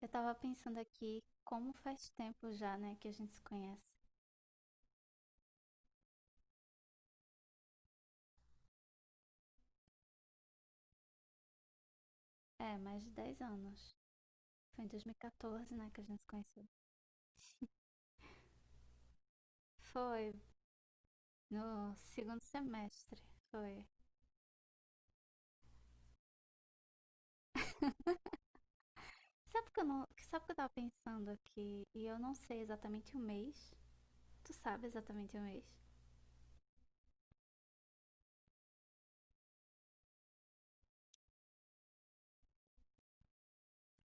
Eu tava pensando aqui como faz tempo já, né, que a gente se conhece. É, mais de 10 anos. Foi em 2014, né, que a gente se conheceu. Foi no segundo semestre. Foi. Sabe que eu não, que- sabe que eu tava pensando aqui e eu não sei exatamente o mês. Tu sabe exatamente o mês?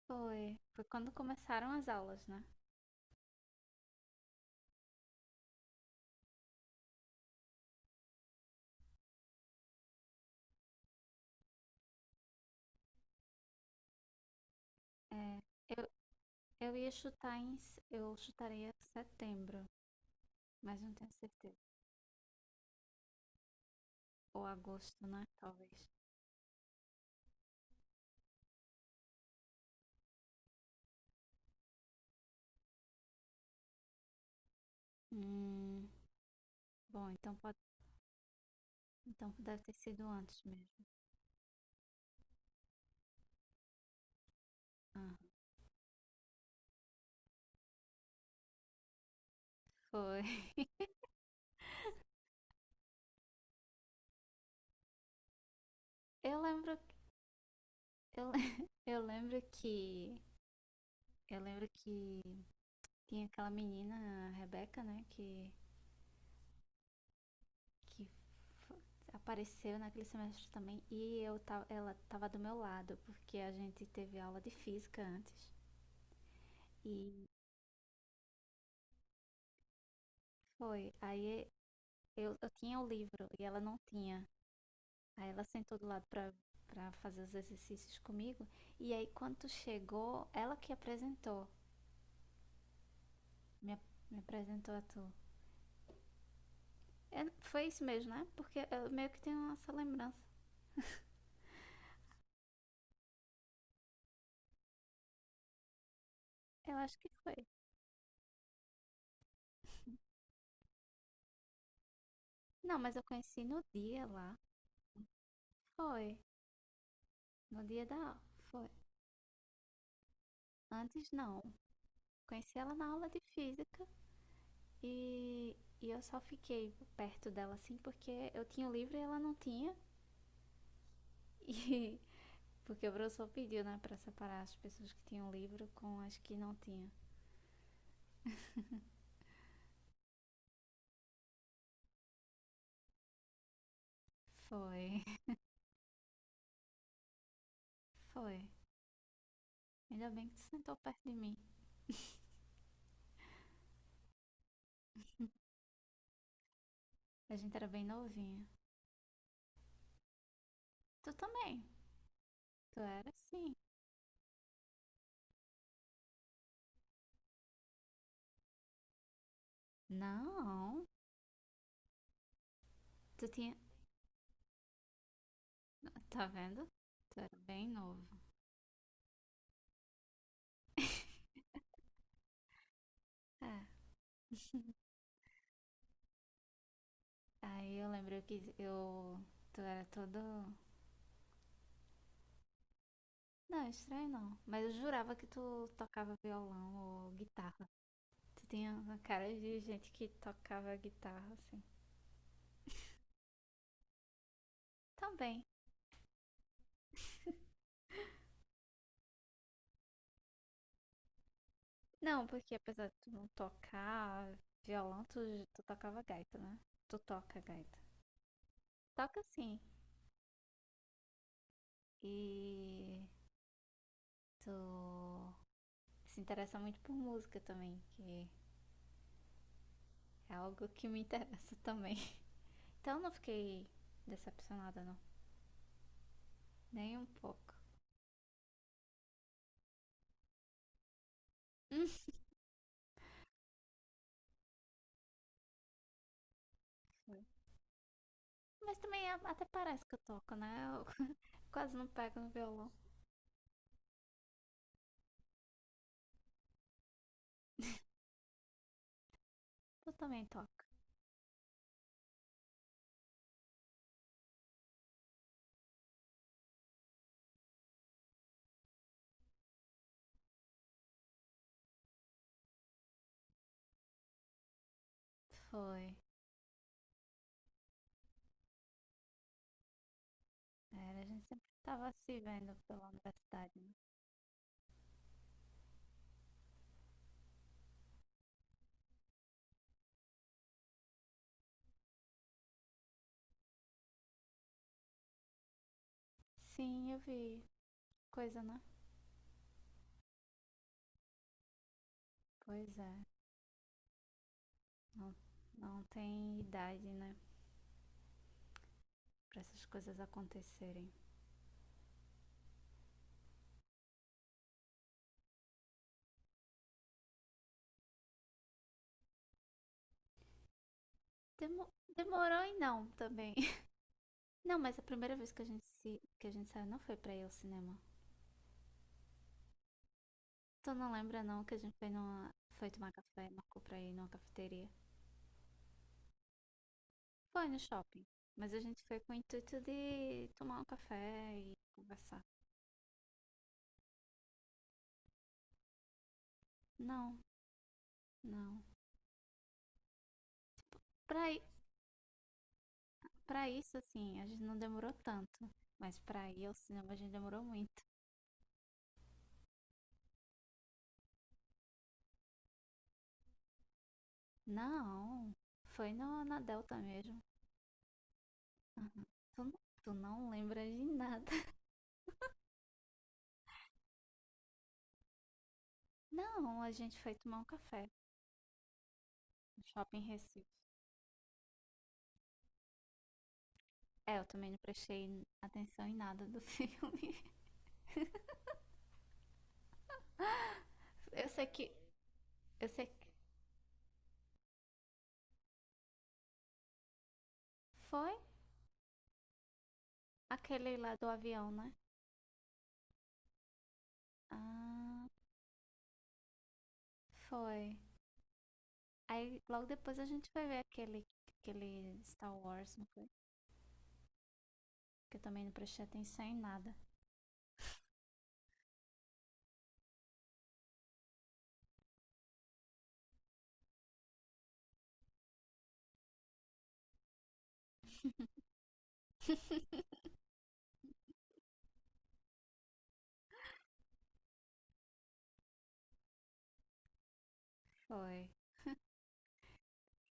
Foi. Foi quando começaram as aulas, né? É, eu, eu ia chutar eu chutaria setembro, mas não tenho certeza. Ou agosto, né? Talvez. Hum, Bom, Então, deve ter sido antes mesmo. Ah, foi. Eu lembro, eu, le- eu lembro que eu lembro que tinha aquela menina, a Rebeca, né, que que f- apareceu naquele semestre também e ela tava do meu lado, porque a gente teve aula de física antes. E foi, aí eu tinha o livro e ela não tinha. Aí ela sentou do lado pra para fazer os exercícios comigo. E aí, quando tu chegou, ela que apresentou. Me apresentou a tu. É, foi isso mesmo, né? Porque eu meio que tenho essa lembrança. Eu acho que foi. Não, mas eu conheci no dia lá. Foi. No dia da aula. Foi. Antes não. Conheci ela na aula de física e, e eu só fiquei perto dela assim porque eu tinha o livro e ela não tinha. E porque o professor pediu, né, pra separar as pessoas que tinham livro com as que não tinham. Foi. Foi. Ainda bem que tu sentou perto de mim. A gente era bem novinha. Tu também. Tu era assim. Não. Tu tinha. Tá vendo? Tu era bem novo. É. Aí eu lembro que eu. Tu era todo. Não, é estranho não. Mas eu jurava que tu tocava violão ou guitarra. Tu tinha uma cara de gente que tocava guitarra, assim. Também. Não, porque apesar de tu não tocar violão, tu tocava gaita, né? Tu toca gaita. Toca sim. E tu se interessa muito por música também. Que É algo que me interessa também. Então não fiquei decepcionada, não. Nem um pouco. Hum. Mas também até parece que eu toco, né? Eu quase não pego no violão. Tu também toca. Foi. Era, a gente sempre tava se vendo pela universidade, né? Sim, eu vi. Coisa, né? Pois é. Não, não tem idade, né? Pra essas coisas acontecerem. Demo- Demorou e não também. Não, mas a primeira vez que a gente saiu não foi pra ir ao cinema. Tu não lembra não que a gente foi foi tomar café, marcou pra ir numa cafeteria? Foi no shopping. Mas a gente foi com o intuito de tomar um café e conversar. Não, não. Pra, i- pra isso, assim, a gente não demorou tanto. Mas pra ir ao cinema a gente demorou muito. Não, foi no, na Delta mesmo. Tu, não- tu não lembra de nada. Não, a gente foi tomar um café no Shopping Recife. É, eu também não prestei atenção em nada do filme. Eu sei que. Eu sei que. Foi? Aquele lá do avião, né? Ah, foi. Aí logo depois a gente vai ver aquele Star Wars, não foi? Que eu também não prestei atenção em nada. Foi.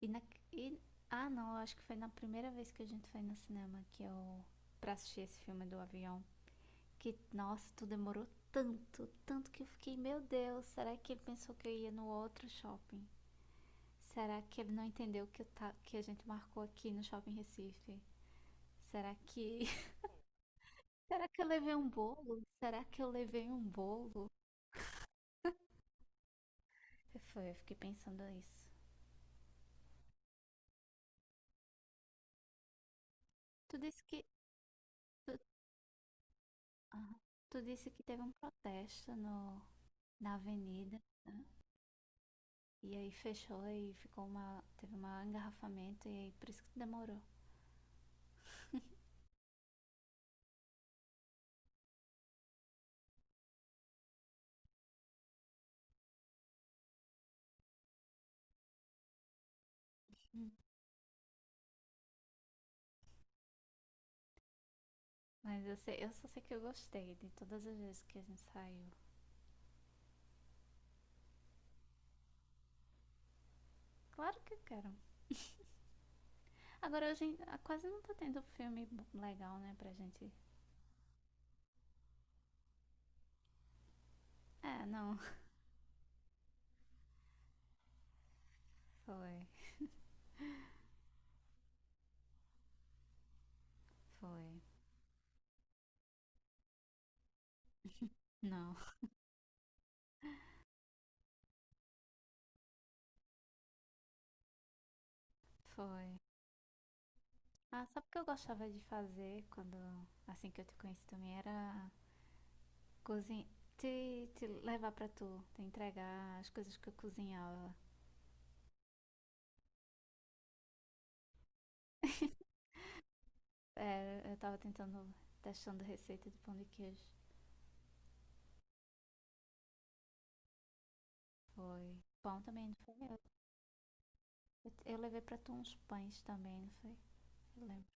E na. E, ah, não, eu acho que foi na primeira vez que a gente foi no cinema que eu. Pra assistir esse filme do avião. Que, nossa, tu demorou tanto, tanto que eu fiquei, meu Deus, será que ele pensou que eu ia no outro shopping? Será que ele não entendeu que a gente marcou aqui no Shopping Recife? Será que Será que eu levei um bolo? Será que eu levei um bolo? Foi, eu fiquei pensando isso. Tu disse que. Tu, ah, tu disse que teve um protesto no, na avenida. E aí fechou e ficou uma. Teve um engarrafamento e aí por isso que tu demorou. Hum. Mas eu sei, eu só sei que eu gostei de todas as vezes que a gente saiu. Claro que eu quero. Agora quase não tá tendo filme legal, né, pra gente. É, não. Foi. Foi. Não. Foi. Ah, sabe o que eu gostava de fazer quando, assim que eu te conheci também, era cozinhar, te levar pra tu, te entregar as coisas que eu cozinhava. É, eu tava tentando, testando receita de pão de queijo. Foi. Pão também, não foi? Eu levei pra tu uns pães também, não foi? Eu lembro.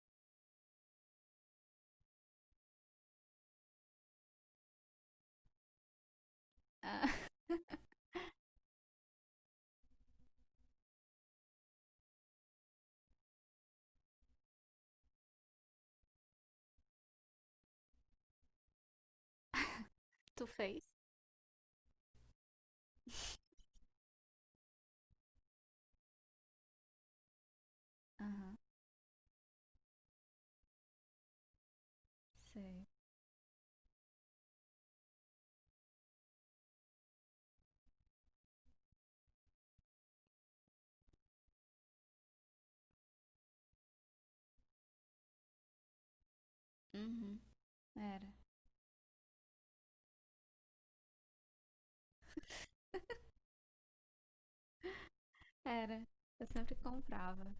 Ah, tu fez? Aham, sei. Uhum, era. Era. Eu sempre comprava.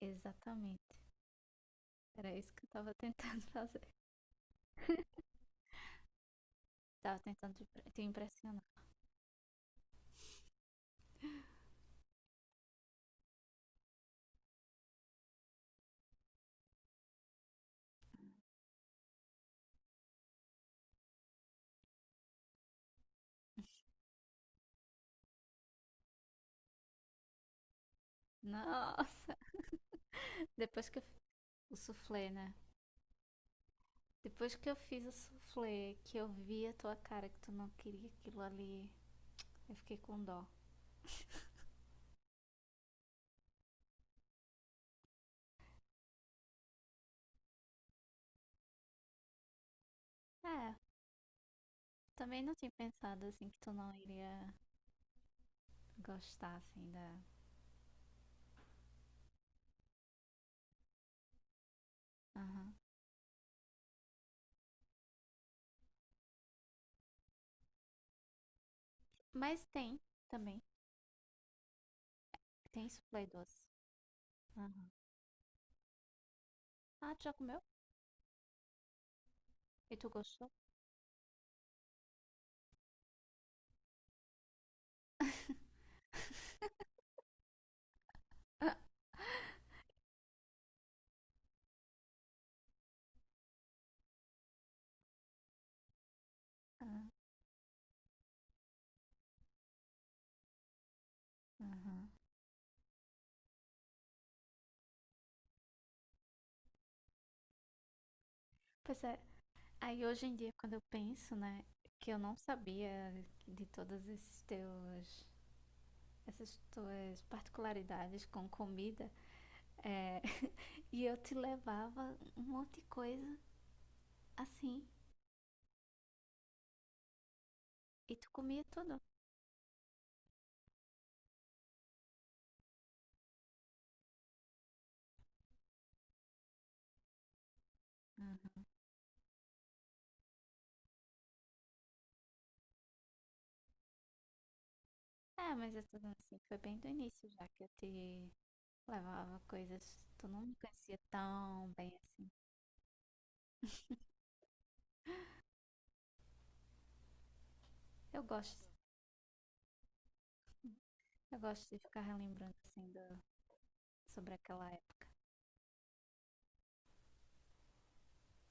Exatamente. Era isso que eu tava tentando fazer. Tava tentando te impressionar. Nossa, depois que eu fiz o soufflé, né? Depois que eu fiz o soufflé, que eu vi a tua cara que tu não queria aquilo ali, eu fiquei com dó. É, também não tinha pensado assim que tu não iria gostar assim da. Aham. Mas tem também. Tem soufflé doce. Aham. Ah, tu já comeu? E tu gostou? Ah, ah, aham. Pois é. Aí hoje em dia, quando eu penso, né, que eu não sabia de todos esses teus essas tuas particularidades com comida. é, e eu te levava um monte de coisa assim e tu comia tudo. Uhum. É, mas é tudo assim, foi bem do início já que eu te levava coisas, tu não me conhecia tão bem assim. Eu gosto, eu gosto de ficar relembrando assim sobre aquela época.